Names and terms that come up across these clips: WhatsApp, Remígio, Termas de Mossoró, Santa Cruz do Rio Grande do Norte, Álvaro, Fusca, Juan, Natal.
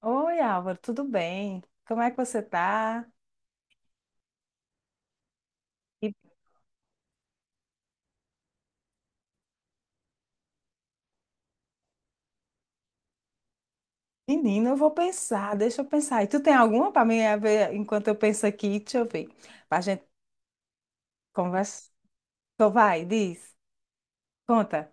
Oi, Álvaro, tudo bem? Como é que você tá? E, menina, eu vou pensar, deixa eu pensar. E tu tem alguma para mim a ver enquanto eu penso aqui? Deixa eu ver. Para a gente conversar. Então vai, diz, conta.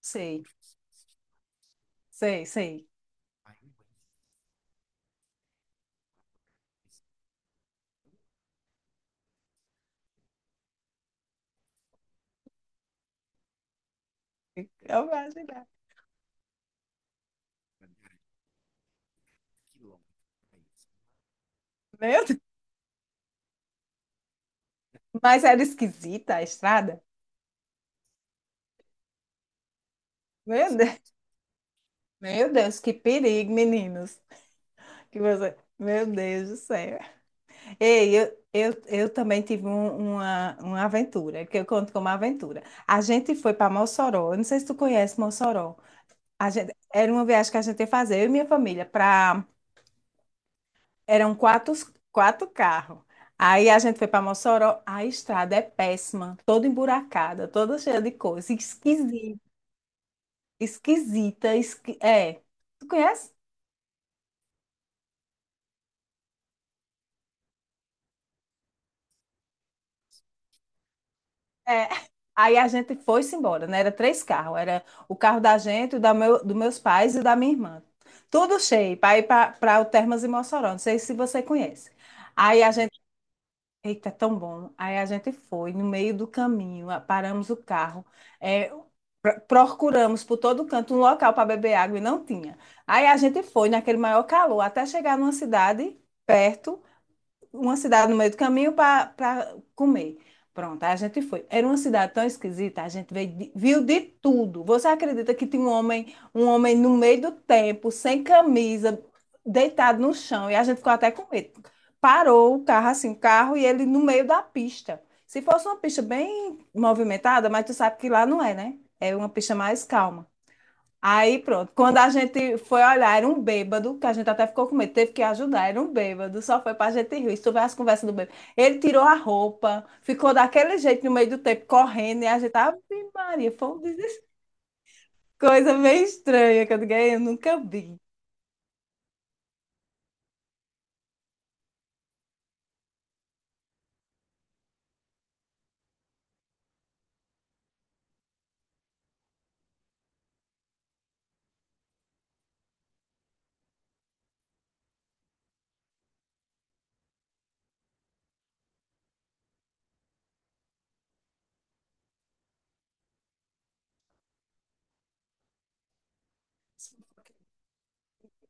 Sei, sei, sei. Eu vou ajudar. Meu Deus, mas era esquisita a estrada? Meu Deus, meu Deus, que perigo, meninos. Meu Deus do céu. Ei, eu também tive uma aventura, que eu conto como aventura. A gente foi para Mossoró, eu não sei se tu conhece Mossoró. Era uma viagem que a gente ia fazer, eu e minha família, para. Eram quatro carros. Aí a gente foi para Mossoró, a estrada é péssima, toda emburacada, toda cheia de coisa, esquisita, é. Tu conhece? É. Aí a gente foi-se embora, né? Era três carros. Era o carro da gente, dos meus pais e o da minha irmã. Tudo cheio para ir para o Termas de Mossoró. Não sei se você conhece. Aí a gente. Eita, é tão bom. Aí a gente foi no meio do caminho, paramos o carro, é, procuramos por todo canto um local para beber água e não tinha. Aí a gente foi naquele maior calor até chegar numa cidade perto uma cidade no meio do caminho para comer. Pronto, aí a gente foi. Era uma cidade tão esquisita, a gente viu de tudo. Você acredita que tinha um homem no meio do tempo, sem camisa, deitado no chão, e a gente ficou até com medo. Parou o carro assim, o carro, e ele no meio da pista. Se fosse uma pista bem movimentada, mas tu sabe que lá não é, né? É uma pista mais calma. Aí pronto, quando a gente foi olhar, era um bêbado, que a gente até ficou com medo, teve que ajudar, era um bêbado, só foi pra gente rir. Se tu vê as conversas do bêbado. Ele tirou a roupa, ficou daquele jeito no meio do tempo, correndo, e a gente, Ave Maria, foi uma coisa meio estranha, que eu digo, "Ei, eu nunca vi.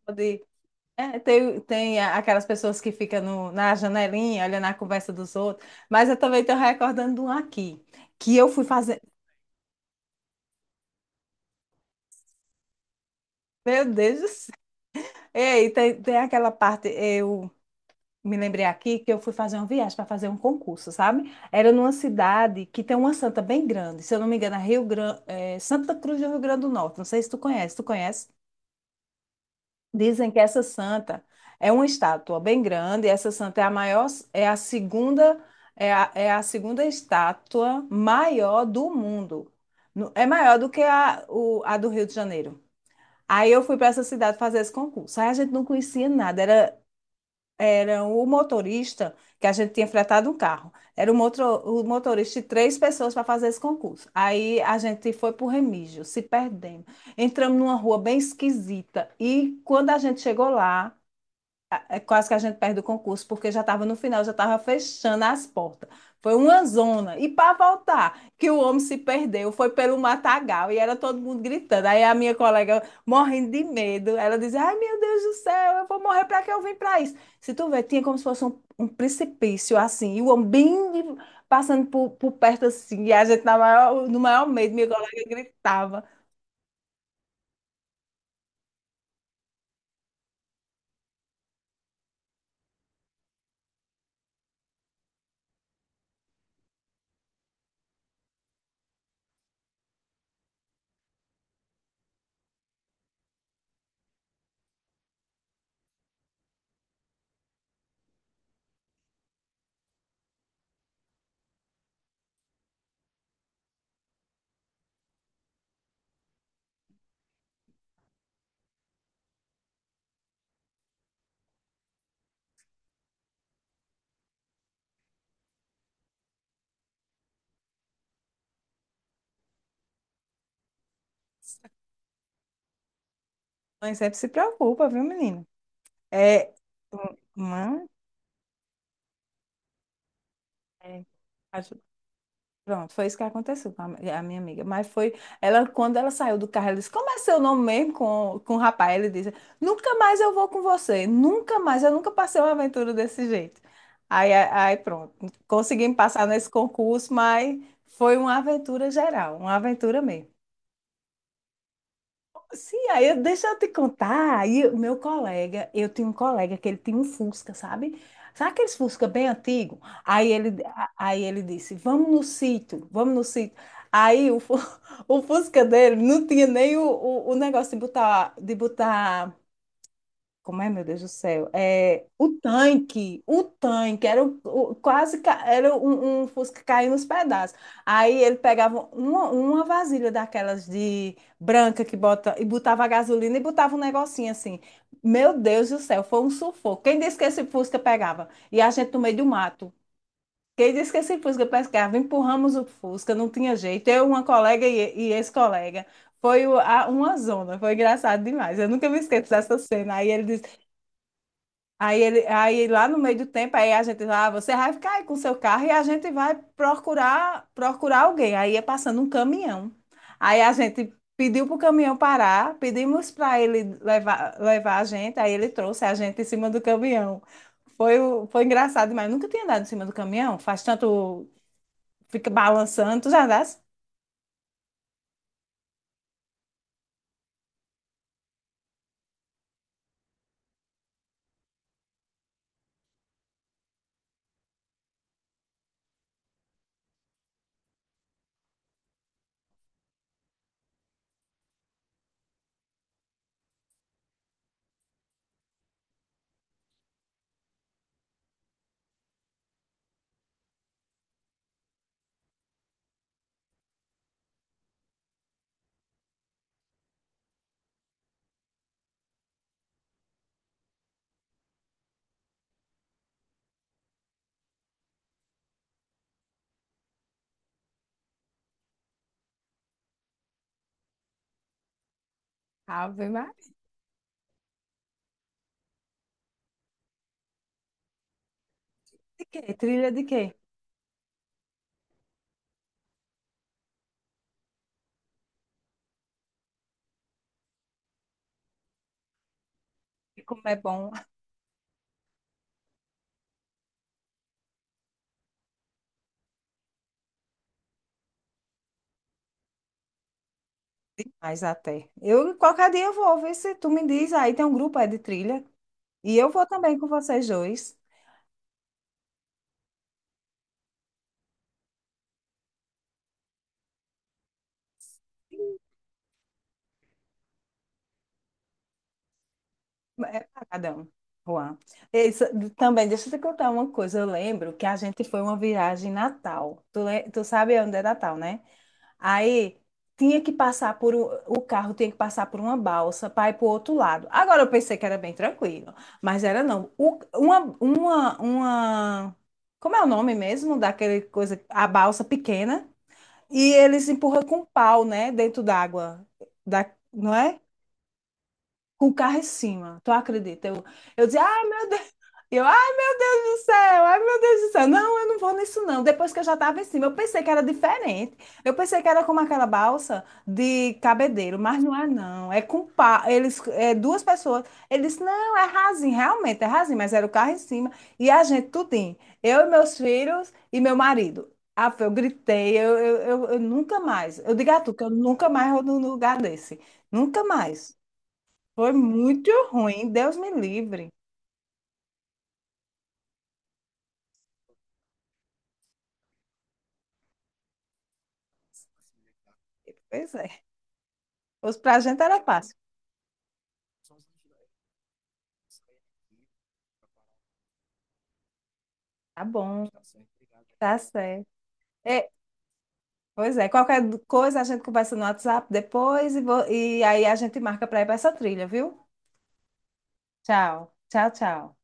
Pode- É, tem aquelas pessoas que ficam na janelinha, olhando a conversa dos outros, mas eu também estou recordando de um aqui, que eu fui fazer, meu Deus do céu. Ei, tem aquela parte, eu me lembrei aqui que eu fui fazer uma viagem para fazer um concurso, sabe? Era numa cidade que tem uma santa bem grande, se eu não me engano, é Rio Grande, Santa Cruz do Rio Grande do Norte. Não sei se tu conhece, tu conhece? Dizem que essa santa é uma estátua bem grande, essa santa é a maior, é a segunda, é a segunda estátua maior do mundo. É maior do que a do Rio de Janeiro. Aí eu fui para essa cidade fazer esse concurso. Aí a gente não conhecia nada, era o motorista, que a gente tinha fretado um carro. Era o motorista e três pessoas para fazer esse concurso. Aí a gente foi para o Remígio, se perdemos. Entramos numa rua bem esquisita. E quando a gente chegou lá, é quase que a gente perde o concurso, porque já estava no final, já estava fechando as portas. Foi uma zona. E para voltar, que o homem se perdeu, foi pelo matagal e era todo mundo gritando. Aí a minha colega, morrendo de medo, ela dizia: Ai, meu Deus do céu, eu vou morrer para que eu vim para isso? Se tu vê, tinha como se fosse um precipício assim, e o homem passando por perto assim, e a gente na maior, no maior medo, minha colega gritava. Mãe sempre se preocupa, viu, menina? É, mãe, é, a Pronto, foi isso que aconteceu com a minha amiga. Ela, quando ela saiu do carro, ela disse, como é seu nome mesmo com o rapaz? Ele disse, nunca mais eu vou com você, nunca mais, eu nunca passei uma aventura desse jeito. Aí, aí pronto, conseguimos passar nesse concurso, mas foi uma aventura geral, uma aventura mesmo. Sim, aí deixa eu te contar. Aí o meu colega, eu tinha um colega que ele tinha um Fusca, sabe? Sabe aqueles Fusca bem antigo? Aí ele disse: Vamos no sítio, vamos no sítio. Aí o Fusca dele não tinha nem o negócio de botar, como é, meu Deus do céu? É, o tanque, era o- quase ca- era um, um Fusca caindo nos pedaços. Aí ele pegava uma vasilha daquelas de branca que bota e botava a gasolina e botava um negocinho assim. Meu Deus do céu, foi um sufoco. Quem disse que esse Fusca pegava? E a gente no meio do mato. Quem disse que esse Fusca pescava? Empurramos o Fusca, não tinha jeito. Eu, uma colega e esse colega. Foi uma zona, foi engraçado demais. Eu nunca me esqueço dessa cena. Aí lá no meio do tempo, aí a gente lá, você vai ficar aí com seu carro e a gente vai procurar alguém. Aí é passando um caminhão. Aí a gente pediu para o caminhão parar, pedimos para ele levar a gente, aí ele trouxe a gente em cima do caminhão. Foi engraçado demais. Nunca tinha andado em cima do caminhão, faz tanto, fica balançando, tu já andasse? Ave Maria. De quê? Trilha de quê? E como é bom, mas até. Eu qualquer dia eu vou ver se tu me diz. Aí tem um grupo aí de trilha. E eu vou também com vocês dois. É paradão, Juan. Isso, também, deixa eu te contar uma coisa. Eu lembro que a gente foi uma viagem em Natal. Tu sabe onde é Natal, né? Aí tinha que passar por um- o carro tinha que passar por uma balsa para ir para o outro lado. Agora eu pensei que era bem tranquilo, mas era não. Uma, como é o nome mesmo daquele coisa, a balsa pequena, e eles empurram com um pau, né, dentro d'água. Da, não é? Com o carro em cima. Tu acredita? Eu dizia, ai meu Deus, ai do céu, ai meu Deus do céu. Não, eu não vou nisso não. Depois que eu já estava em cima, eu pensei que era diferente. Eu pensei que era como aquela balsa de cabedeiro, mas não é não. É com pá, eles, é duas pessoas. Eles, disse, não, é rasinho, realmente é rasinho, mas era o carro em cima e a gente tudinho. Eu e meus filhos e meu marido. Ah, eu gritei, eu nunca mais. Eu digo a tu que eu nunca mais vou num lugar desse. Nunca mais. Foi muito ruim, Deus me livre. Pois é. Os pra gente era fácil. Tá bom, tá certo. É, pois é, qualquer coisa a gente conversa no WhatsApp depois e aí a gente marca para ir para essa trilha, viu? Tchau, tchau, tchau.